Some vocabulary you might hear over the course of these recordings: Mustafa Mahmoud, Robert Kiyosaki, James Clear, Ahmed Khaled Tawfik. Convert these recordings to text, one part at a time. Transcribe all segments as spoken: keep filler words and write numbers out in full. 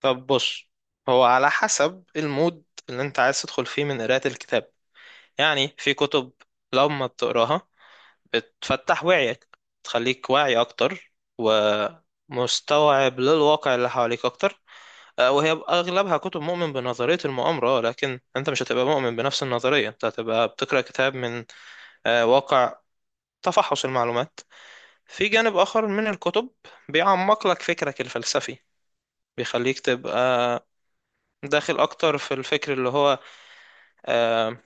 طب بص. هو على حسب المود اللي انت عايز تدخل فيه من قراءة الكتاب. يعني في كتب لما بتقراها بتفتح وعيك، تخليك واعي اكتر ومستوعب للواقع اللي حواليك اكتر. آه، وهي اغلبها كتب مؤمن بنظرية المؤامرة، لكن انت مش هتبقى مؤمن بنفس النظرية، انت هتبقى بتقرأ كتاب من آه، واقع، تفحص المعلومات. في جانب اخر من الكتب بيعمق لك فكرك الفلسفي، بيخليك تبقى داخل اكتر في الفكر اللي هو آه،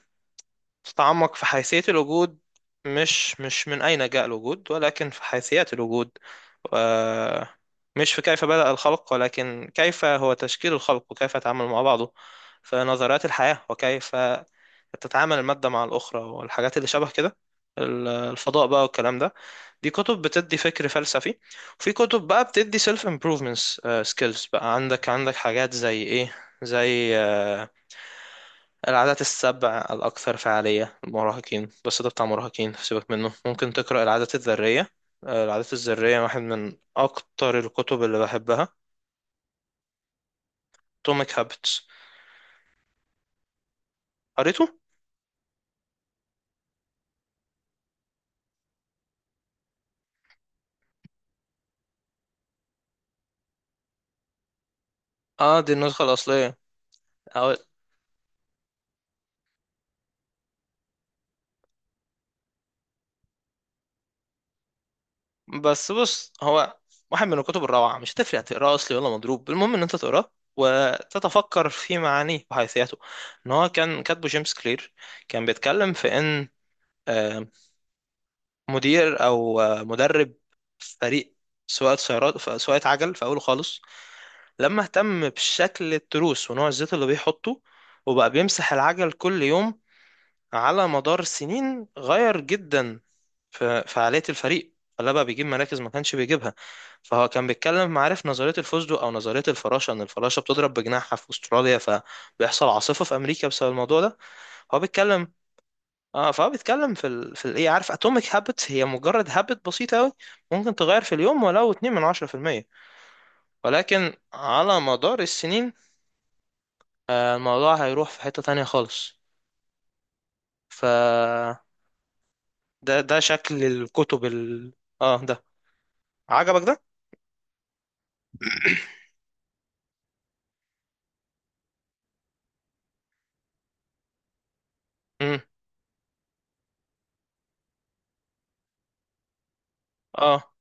تتعمق في حيثية الوجود، مش مش من أين جاء الوجود، ولكن في حيثيات الوجود. آه، مش في كيف بدأ الخلق، ولكن كيف هو تشكيل الخلق وكيف يتعامل مع بعضه. في نظريات الحياة وكيف تتعامل المادة مع الأخرى والحاجات اللي شبه كده. ال- الفضاء بقى والكلام ده، دي كتب بتدي فكر فلسفي. وفي كتب بقى بتدي self improvements، آه، skills. بقى عندك عندك حاجات زي إيه؟ زي آه، العادات السبع الأكثر فعالية للمراهقين، بس ده بتاع مراهقين، سيبك منه، ممكن تقرأ العادات الذرية. آه، العادات الذرية واحد من أكتر الكتب اللي بحبها. atomic habits. قريته؟ اه دي النسخة الأصلية، أو بس بص، هو واحد من الكتب الروعة، مش هتفرق تقراه أصلي ولا مضروب، المهم إن أنت تقراه وتتفكر في معانيه وحيثياته. إن هو كان كاتبه جيمس كلير، كان بيتكلم في إن آه، مدير او آه، مدرب فريق سواقة سيارات، ف- سواقة عجل في اوله خالص، لما اهتم بشكل التروس ونوع الزيت اللي بيحطه، وبقى بيمسح العجل كل يوم، على مدار سنين غير جدا في فعالية الفريق، فلا بقى بيجيب مراكز ما كانش بيجيبها. فهو كان بيتكلم، عارف نظرية الفوزدو أو نظرية الفراشة، إن الفراشة بتضرب بجناحها في أستراليا فبيحصل عاصفة في أمريكا بسبب الموضوع ده. هو بيتكلم، اه فهو بيتكلم في ال... في الايه، عارف اتوميك هابت هي مجرد هابت بسيطه قوي، ممكن تغير في اليوم ولو اتنين من عشرة في المية، ولكن على مدار السنين آه، الموضوع هيروح في حته تانية خالص. ف ده ده شكل الكتب ال... اه ده. عجبك ده؟ امم. اه.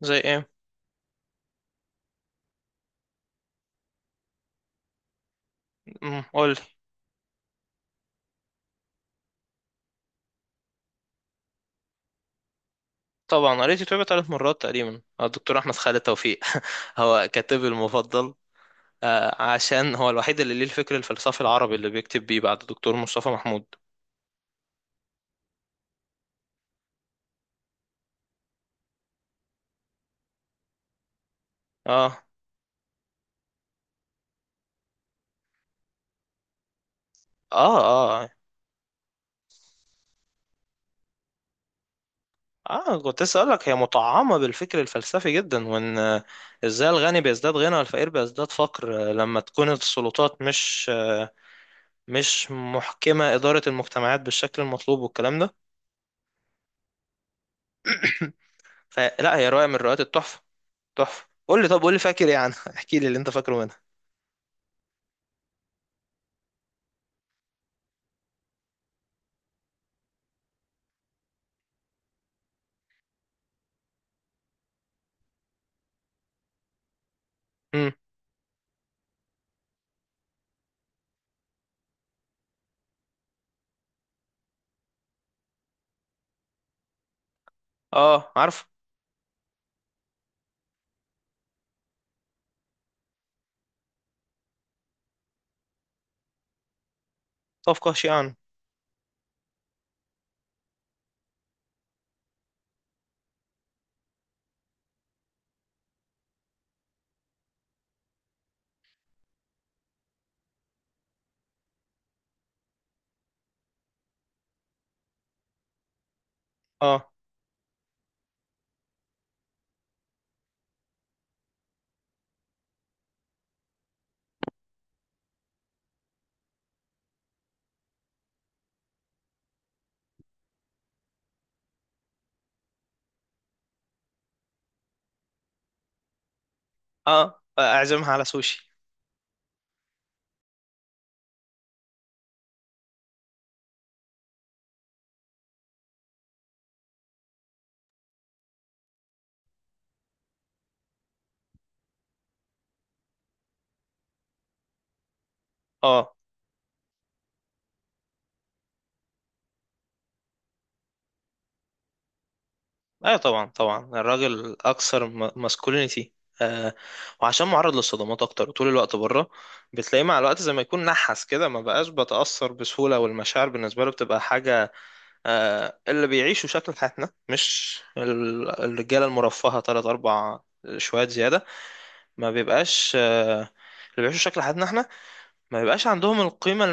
زي ايه؟ امم، قول لي. طبعا قريت الكتاب ثلاث مرات تقريبا. آه، الدكتور احمد خالد توفيق هو كاتبي المفضل. آه، عشان هو الوحيد اللي ليه الفكر الفلسفي العربي اللي بيكتب بيه بعد دكتور مصطفى محمود. اه، اه. اه، اه كنت اسالك، هي مطعمه بالفكر الفلسفي جدا، وان آه، ازاي الغني بيزداد غنى والفقير بيزداد فقر، آه، لما تكون السلطات مش آه، مش محكمه اداره المجتمعات بالشكل المطلوب والكلام ده. فلا هي روايه من روايات التحفه، تحفه. قول لي، طب قول لي فاكر ايه عنها، احكي لي اللي انت فاكره منها. امم. اه عارف. طب قهشي عنه. اه. اه اعزمها على سوشي. اه ايوه، طبعا طبعا، الراجل اكثر ماسكولينيتي، آه، وعشان معرض للصدمات اكتر وطول الوقت بره، بتلاقيه مع الوقت زي ما يكون نحس كده، ما بقاش بتأثر بسهولة، والمشاعر بالنسبة له بتبقى حاجة، آه اللي بيعيشوا شكل حياتنا، مش ال- الرجالة المرفهة تلات اربع شوية زيادة، ما بيبقاش، آه اللي بيعيشوا شكل حياتنا احنا ما بيبقاش عندهم القيمة.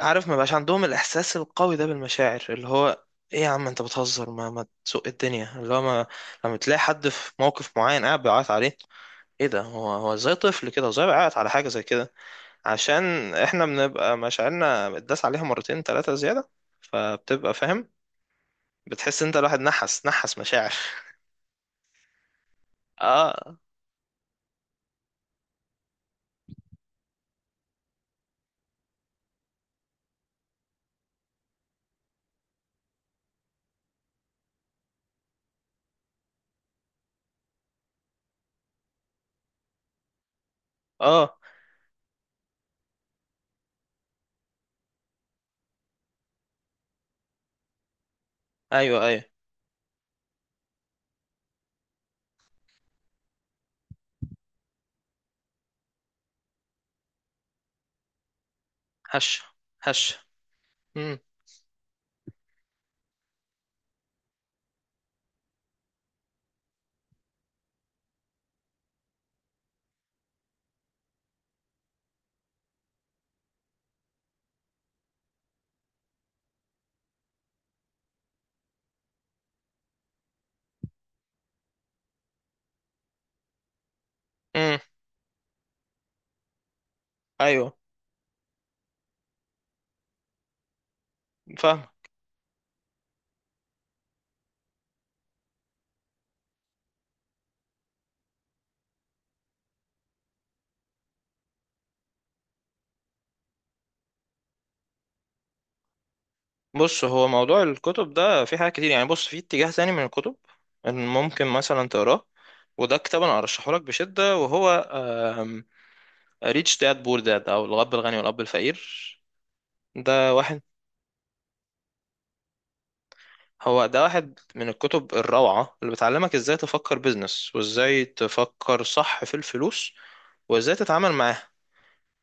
عارف، ما بقاش عندهم الاحساس القوي ده بالمشاعر، اللي هو ايه يا عم انت بتهزر، ما ما تسوق الدنيا اللي هو ما، لما تلاقي حد في موقف معين قاعد بيعيط عليه، ايه ده، هو هو زي طفل كده، زي بيعيط على حاجه زي كده، عشان احنا بنبقى مشاعرنا بتداس عليها مرتين ثلاثه زياده، فبتبقى فاهم. بتحس انت الواحد نحس نحس مشاعر. اه، اه ايوه ايوه. هش هش. امم. امم ايوه فاهم. بص، هو موضوع الكتب ده في حاجات كتير يعني. بص، في اتجاه تاني من الكتب ان ممكن مثلا تقراه، وده كتاب انا ارشحه لك بشده، وهو ريتش داد بور داد، او الاب الغني والاب الفقير. ده واحد، هو ده واحد من الكتب الروعه اللي بتعلمك ازاي تفكر بيزنس، وازاي تفكر صح في الفلوس وازاي تتعامل معاها،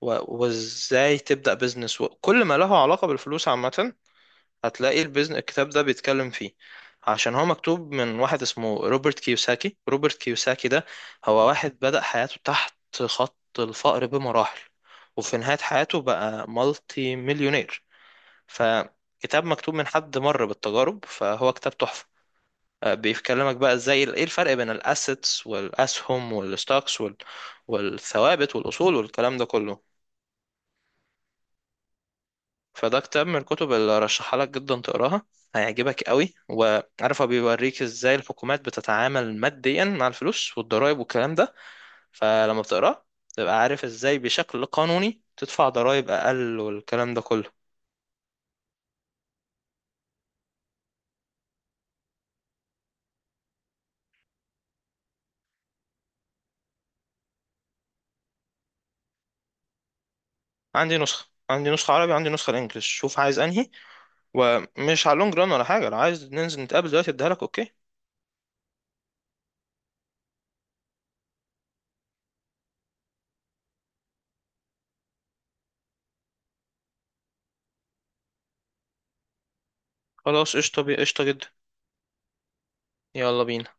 و- وازاي تبدا بيزنس وكل ما له علاقه بالفلوس عامه، هتلاقي البيزنس الكتاب ده بيتكلم فيه. عشان هو مكتوب من واحد اسمه روبرت كيوساكي. روبرت كيوساكي ده هو واحد بدأ حياته تحت خط الفقر بمراحل، وفي نهاية حياته بقى مالتي مليونير. فكتاب مكتوب من حد مر بالتجارب، فهو كتاب تحفة. آه، بيكلمك بقى ازاي ايه الفرق بين الاسيتس والاسهم والستوكس وال- والثوابت والاصول والكلام ده كله. فده كتاب من الكتب اللي رشحها لك جدا تقراها، هيعجبك قوي. وعارف هو بيوريك ازاي الحكومات بتتعامل ماديا مع الفلوس والضرائب والكلام ده، فلما بتقراه تبقى عارف ازاي بشكل قانوني تدفع ضرائب اقل والكلام ده كله. عندي نسخة عندي نسخة عربي، وعندي نسخة الانجليش، شوف عايز انهي. ومش على اللونج ران ولا حاجة، لو عايز ننزل نتقابل دلوقتي اديها لك، اوكي؟ خلاص قشطة، بي- قشطة جدا. يلا بينا.